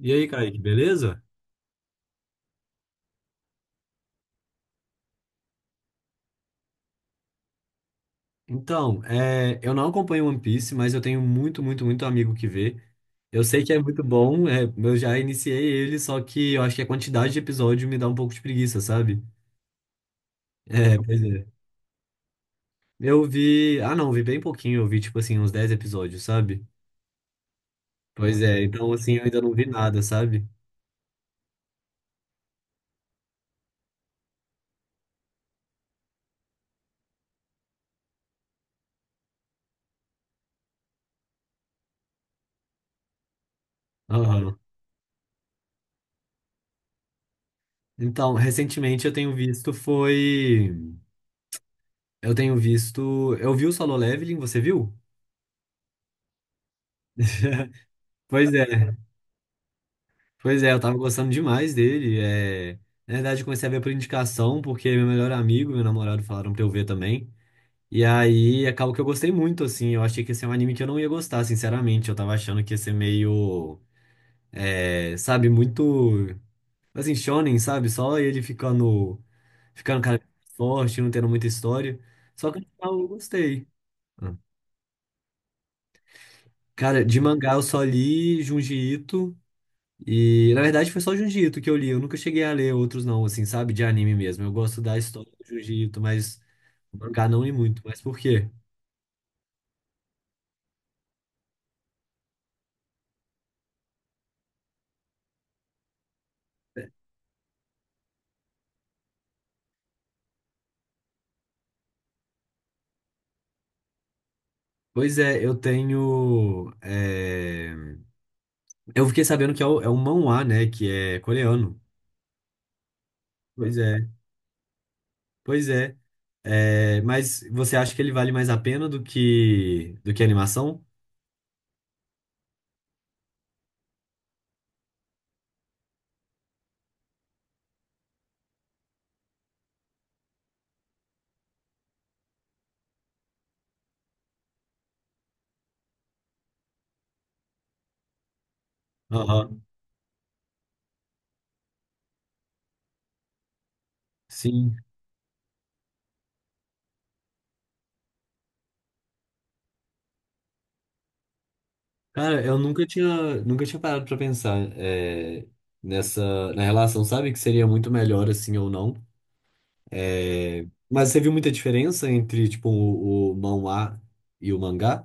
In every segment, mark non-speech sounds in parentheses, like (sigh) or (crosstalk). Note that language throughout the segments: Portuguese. E aí, Kaique, beleza? Então, eu não acompanho One Piece, mas eu tenho muito, muito, muito amigo que vê. Eu sei que é muito bom, eu já iniciei ele, só que eu acho que a quantidade de episódio me dá um pouco de preguiça, sabe? (laughs) É, pois é. Eu vi. Ah, não, eu vi bem pouquinho, eu vi tipo assim, uns 10 episódios, sabe? Pois é, então assim, eu ainda não vi nada, sabe? Aham. Então, recentemente eu tenho visto foi. Eu tenho visto. Eu vi o Solo Leveling, você viu? (laughs) Pois é. Pois é, eu tava gostando demais dele. Na verdade, eu comecei a ver por indicação, porque meu melhor amigo, e meu namorado falaram pra eu ver também. E aí, acabou que eu gostei muito, assim. Eu achei que ia ser um anime que eu não ia gostar, sinceramente. Eu tava achando que ia ser meio, sabe, muito, assim, shonen, sabe? Só ele ficando, cara forte, não tendo muita história. Só que no final eu gostei. Ah. Cara, de mangá eu só li Junji Ito. E na verdade foi só o Jujutsu que eu li. Eu nunca cheguei a ler outros, não, assim, sabe? De anime mesmo. Eu gosto da história do Jujutsu, mas o mangá não li muito. Mas por quê? Pois é, eu tenho. Eu fiquei sabendo que é o, é o manhwa, né? Que é coreano. Pois é, pois é. É, mas você acha que ele vale mais a pena do que a animação? Aham, sim. Cara, eu nunca tinha parado pra pensar nessa na relação, sabe? Que seria muito melhor assim ou não. É, mas você viu muita diferença entre, tipo, o manhwa e o mangá?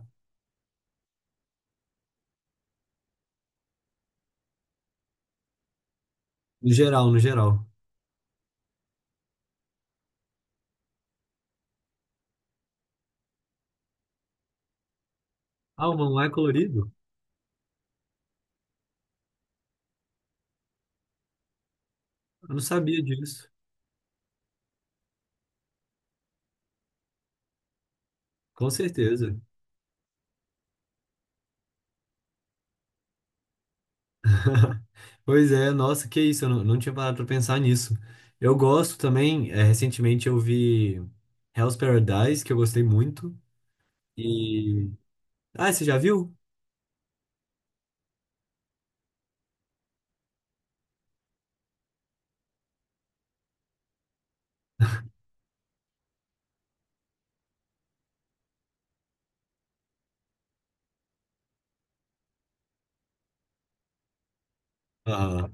No geral, no geral. Ah, o manhwa é colorido? Eu não sabia disso. Com certeza. (laughs) Pois é, nossa, que isso, eu não tinha parado pra pensar nisso. Eu gosto também, recentemente eu vi Hell's Paradise, que eu gostei muito. E. Ah, você já viu? Ah,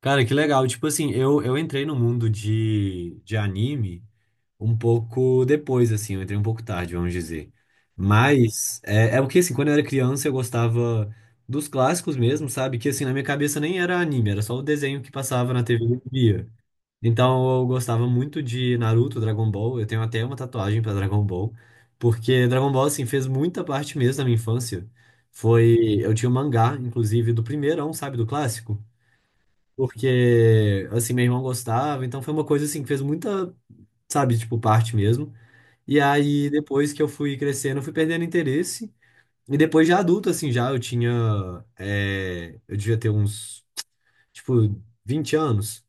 cara, que legal. Tipo assim, eu entrei no mundo de, anime. Um pouco depois, assim, eu entrei um pouco tarde, vamos dizer. Mas é o que, assim, quando eu era criança eu gostava dos clássicos mesmo, sabe? Que, assim, na minha cabeça nem era anime, era só o desenho que passava na TV e eu via. Então eu gostava muito de Naruto, Dragon Ball, eu tenho até uma tatuagem pra Dragon Ball, porque Dragon Ball, assim, fez muita parte mesmo da minha infância. Foi, eu tinha o mangá, inclusive, do primeirão, sabe, do clássico. Porque, assim, meu irmão gostava, então foi uma coisa, assim, que fez muita, sabe, tipo, parte mesmo. E aí, depois que eu fui crescendo, eu fui perdendo interesse. E depois de adulto, assim, já eu tinha. Eu devia ter uns, tipo, 20 anos.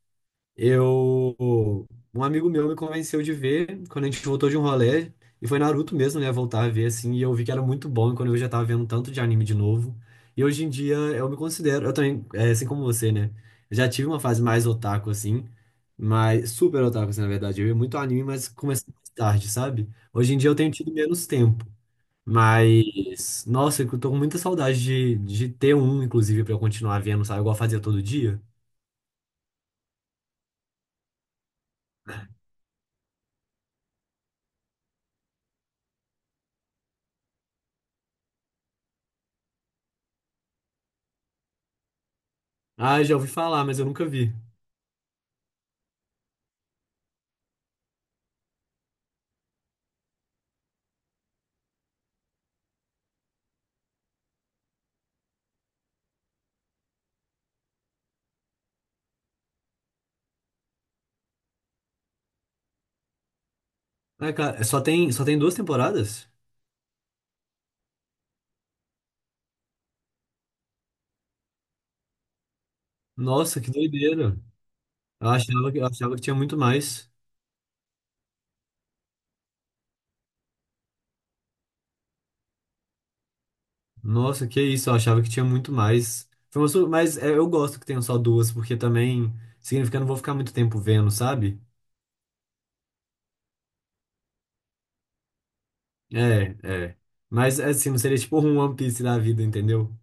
Eu, um amigo meu me convenceu de ver quando a gente voltou de um rolê, e foi Naruto mesmo, né, voltar a ver assim, e eu vi que era muito bom, e quando eu já tava vendo tanto de anime de novo. E hoje em dia eu me considero, eu também, assim como você, né? Eu já tive uma fase mais otaku assim, mas super otaku assim, na verdade. Eu ia muito anime, mas comecei mais tarde, sabe? Hoje em dia eu tenho tido menos tempo, mas nossa, eu tô com muita saudade de, ter um, inclusive, pra eu continuar vendo, sabe? Igual eu fazia todo dia. Ah, já ouvi falar, mas eu nunca vi. Ah, cara, só tem duas temporadas? Nossa, que doideira. Eu achava que tinha muito mais. Nossa, que isso, eu achava que tinha muito mais. Mas é, eu gosto que tenham só duas, porque também significa que eu não vou ficar muito tempo vendo, sabe? É, é. Mas assim, não seria tipo um One Piece da vida, entendeu?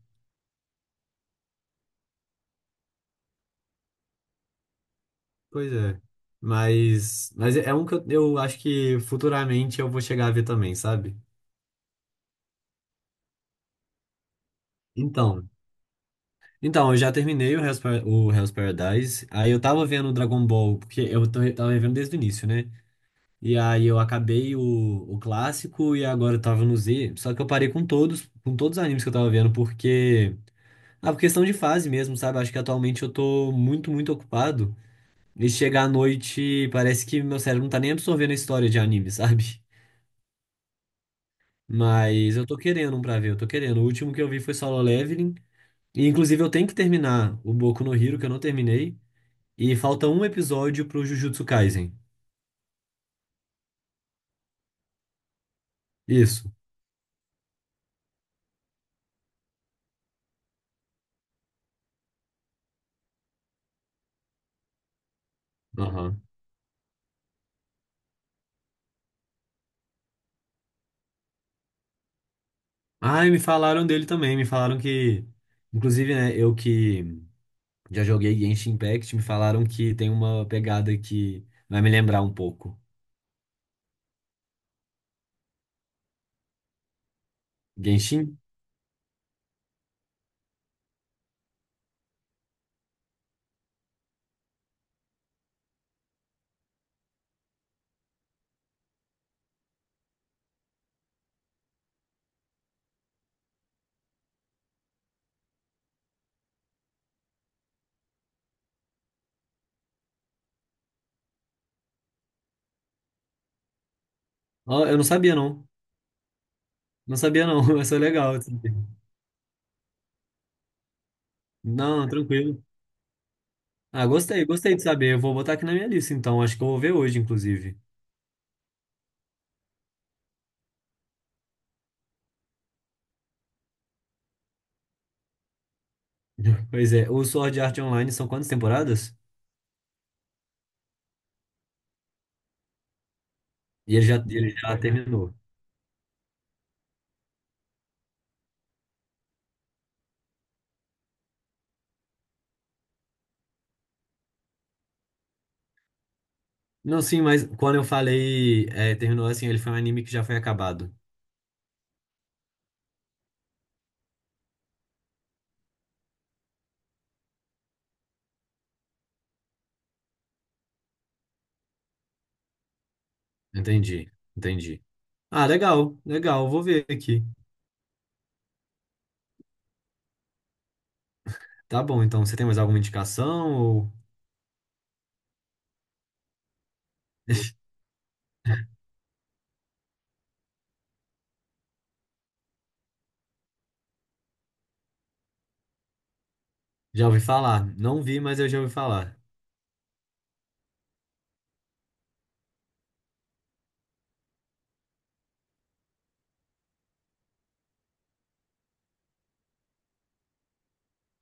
Pois é. Mas é um que eu acho que futuramente eu vou chegar a ver também, sabe? Então. Então, eu já terminei o o Hell's Paradise. Aí eu tava vendo o Dragon Ball, porque eu tava vendo desde o início, né? E aí eu acabei o clássico e agora eu tava no Z. Só que eu parei com todos os animes que eu tava vendo, porque. Ah, por questão de fase mesmo, sabe? Acho que atualmente eu tô muito, muito ocupado. E chegar à noite, parece que meu cérebro não tá nem absorvendo a história de anime, (laughs) sabe? Mas eu tô querendo um pra ver, eu tô querendo. O último que eu vi foi Solo Leveling. E inclusive eu tenho que terminar o Boku no Hero, que eu não terminei. E falta um episódio pro Jujutsu Kaisen. Isso. Aham. Ah, e me falaram dele também. Me falaram que. Inclusive, né, eu que já joguei Genshin Impact, me falaram que tem uma pegada que vai me lembrar um pouco. Genshin? Ó, eu não sabia, não. Não sabia, não. (laughs) Mas é legal, assim. Não, tranquilo. Ah, gostei, gostei de saber. Eu vou botar aqui na minha lista, então. Acho que eu vou ver hoje, inclusive. (laughs) Pois é. O Sword Art Online são quantas temporadas? E ele já terminou. Não, sim, mas quando eu falei, terminou assim, ele foi um anime que já foi acabado. Entendi, entendi. Ah, legal, legal, vou ver aqui. Tá bom, então você tem mais alguma indicação ou (laughs) já ouvi falar? Não vi, mas eu já ouvi falar.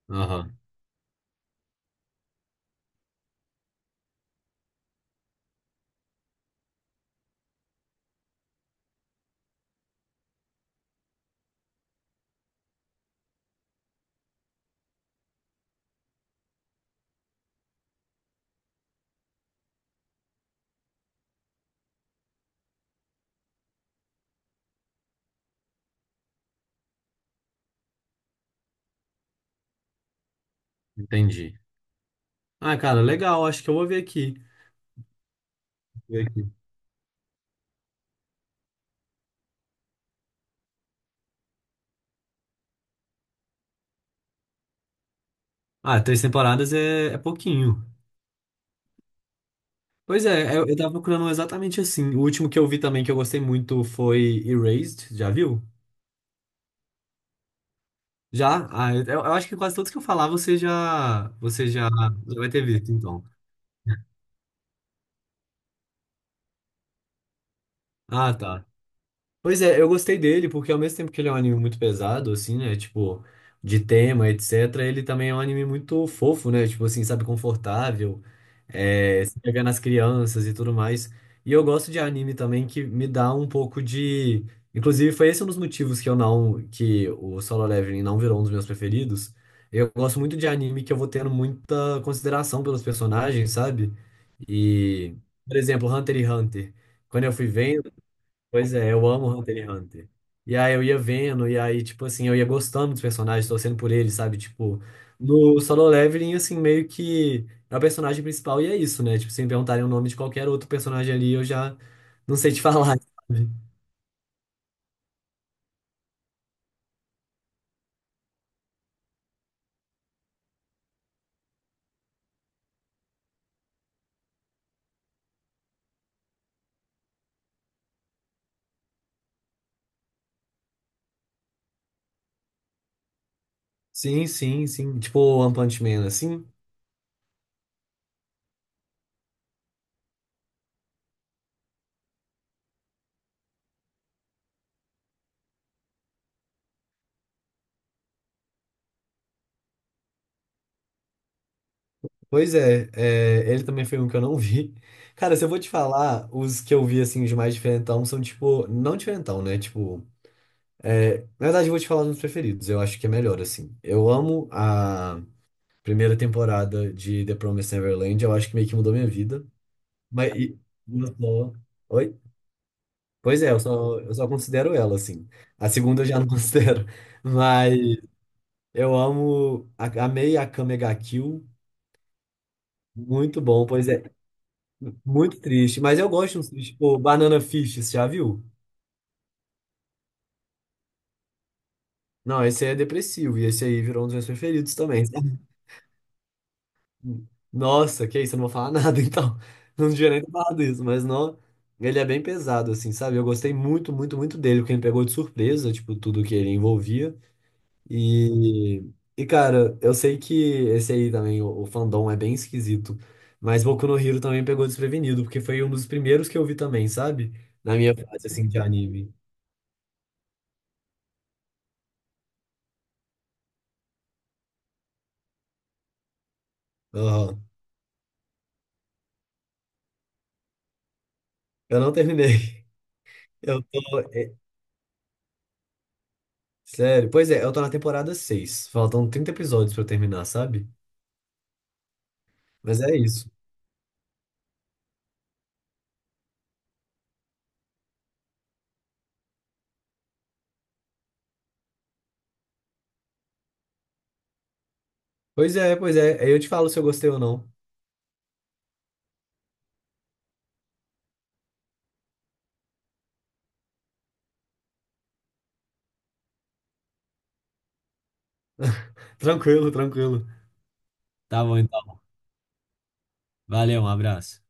Aham, entendi. Ah, cara, legal, acho que eu vou ver aqui. Ver aqui. Ah, três temporadas é pouquinho. Pois é, eu tava procurando um exatamente assim. O último que eu vi também que eu gostei muito foi Erased, já viu? Já? Ah, eu acho que quase todos que eu falar você já, já vai ter visto, então. Ah, tá. Pois é, eu gostei dele porque ao mesmo tempo que ele é um anime muito pesado, assim, né? Tipo, de tema, etc., ele também é um anime muito fofo, né? Tipo assim, sabe, confortável. Se pegar nas crianças e tudo mais. E eu gosto de anime também que me dá um pouco de. Inclusive, foi esse um dos motivos que eu não. Que o Solo Leveling não virou um dos meus preferidos. Eu gosto muito de anime que eu vou tendo muita consideração pelos personagens, sabe? E, por exemplo, Hunter x Hunter. Quando eu fui vendo. Pois é, eu amo Hunter x Hunter. E aí eu ia vendo, e aí, tipo assim, eu ia gostando dos personagens, torcendo por eles, sabe? Tipo, no Solo Leveling, assim, meio que é o personagem principal e é isso, né? Tipo, se me perguntarem o nome de qualquer outro personagem ali, eu já não sei te (laughs) falar, sabe? Sim, sim, sim. Tipo o One Punch Man, assim. Pois é, ele também foi um que eu não (laughs) vi. Cara, se eu vou te falar, os que eu vi, assim, os mais diferentão são, tipo, não diferentão, né? Tipo, na verdade, eu vou te falar dos meus preferidos. Eu acho que é melhor, assim. Eu amo a. Primeira temporada de The Promised Neverland, eu acho que meio que mudou minha vida. Mas e- eu só. Oi? Pois é, eu só considero ela, assim. A segunda eu já não (laughs) considero. Mas eu amo. A- Amei a Kamega Kill. Muito bom, pois é. Muito triste. Mas eu gosto de uns tristes, tipo Banana Fish, você já viu? Não, esse aí é depressivo. E esse aí virou um dos meus preferidos também. (laughs) Nossa, que isso, eu não vou falar nada, (laughs) então. Não devia nem ter falado isso, mas não. Ele é bem pesado, assim, sabe? Eu gostei muito, muito, muito dele, porque ele me pegou de surpresa, tipo, tudo que ele envolvia. E, e cara, eu sei que esse aí também, o fandom, é bem esquisito. Mas Boku no Hero também pegou desprevenido, porque foi um dos primeiros que eu vi também, sabe? Na minha fase, assim, de anime. Aham. Eu não terminei. (laughs) Eu tô. Sério. Pois é, eu tô na temporada seis. Faltam 30 episódios pra eu terminar, sabe? Mas é isso. Pois é, pois é. Aí eu te falo se eu gostei ou não. Tranquilo, tranquilo. Tá bom, então. Valeu, um abraço.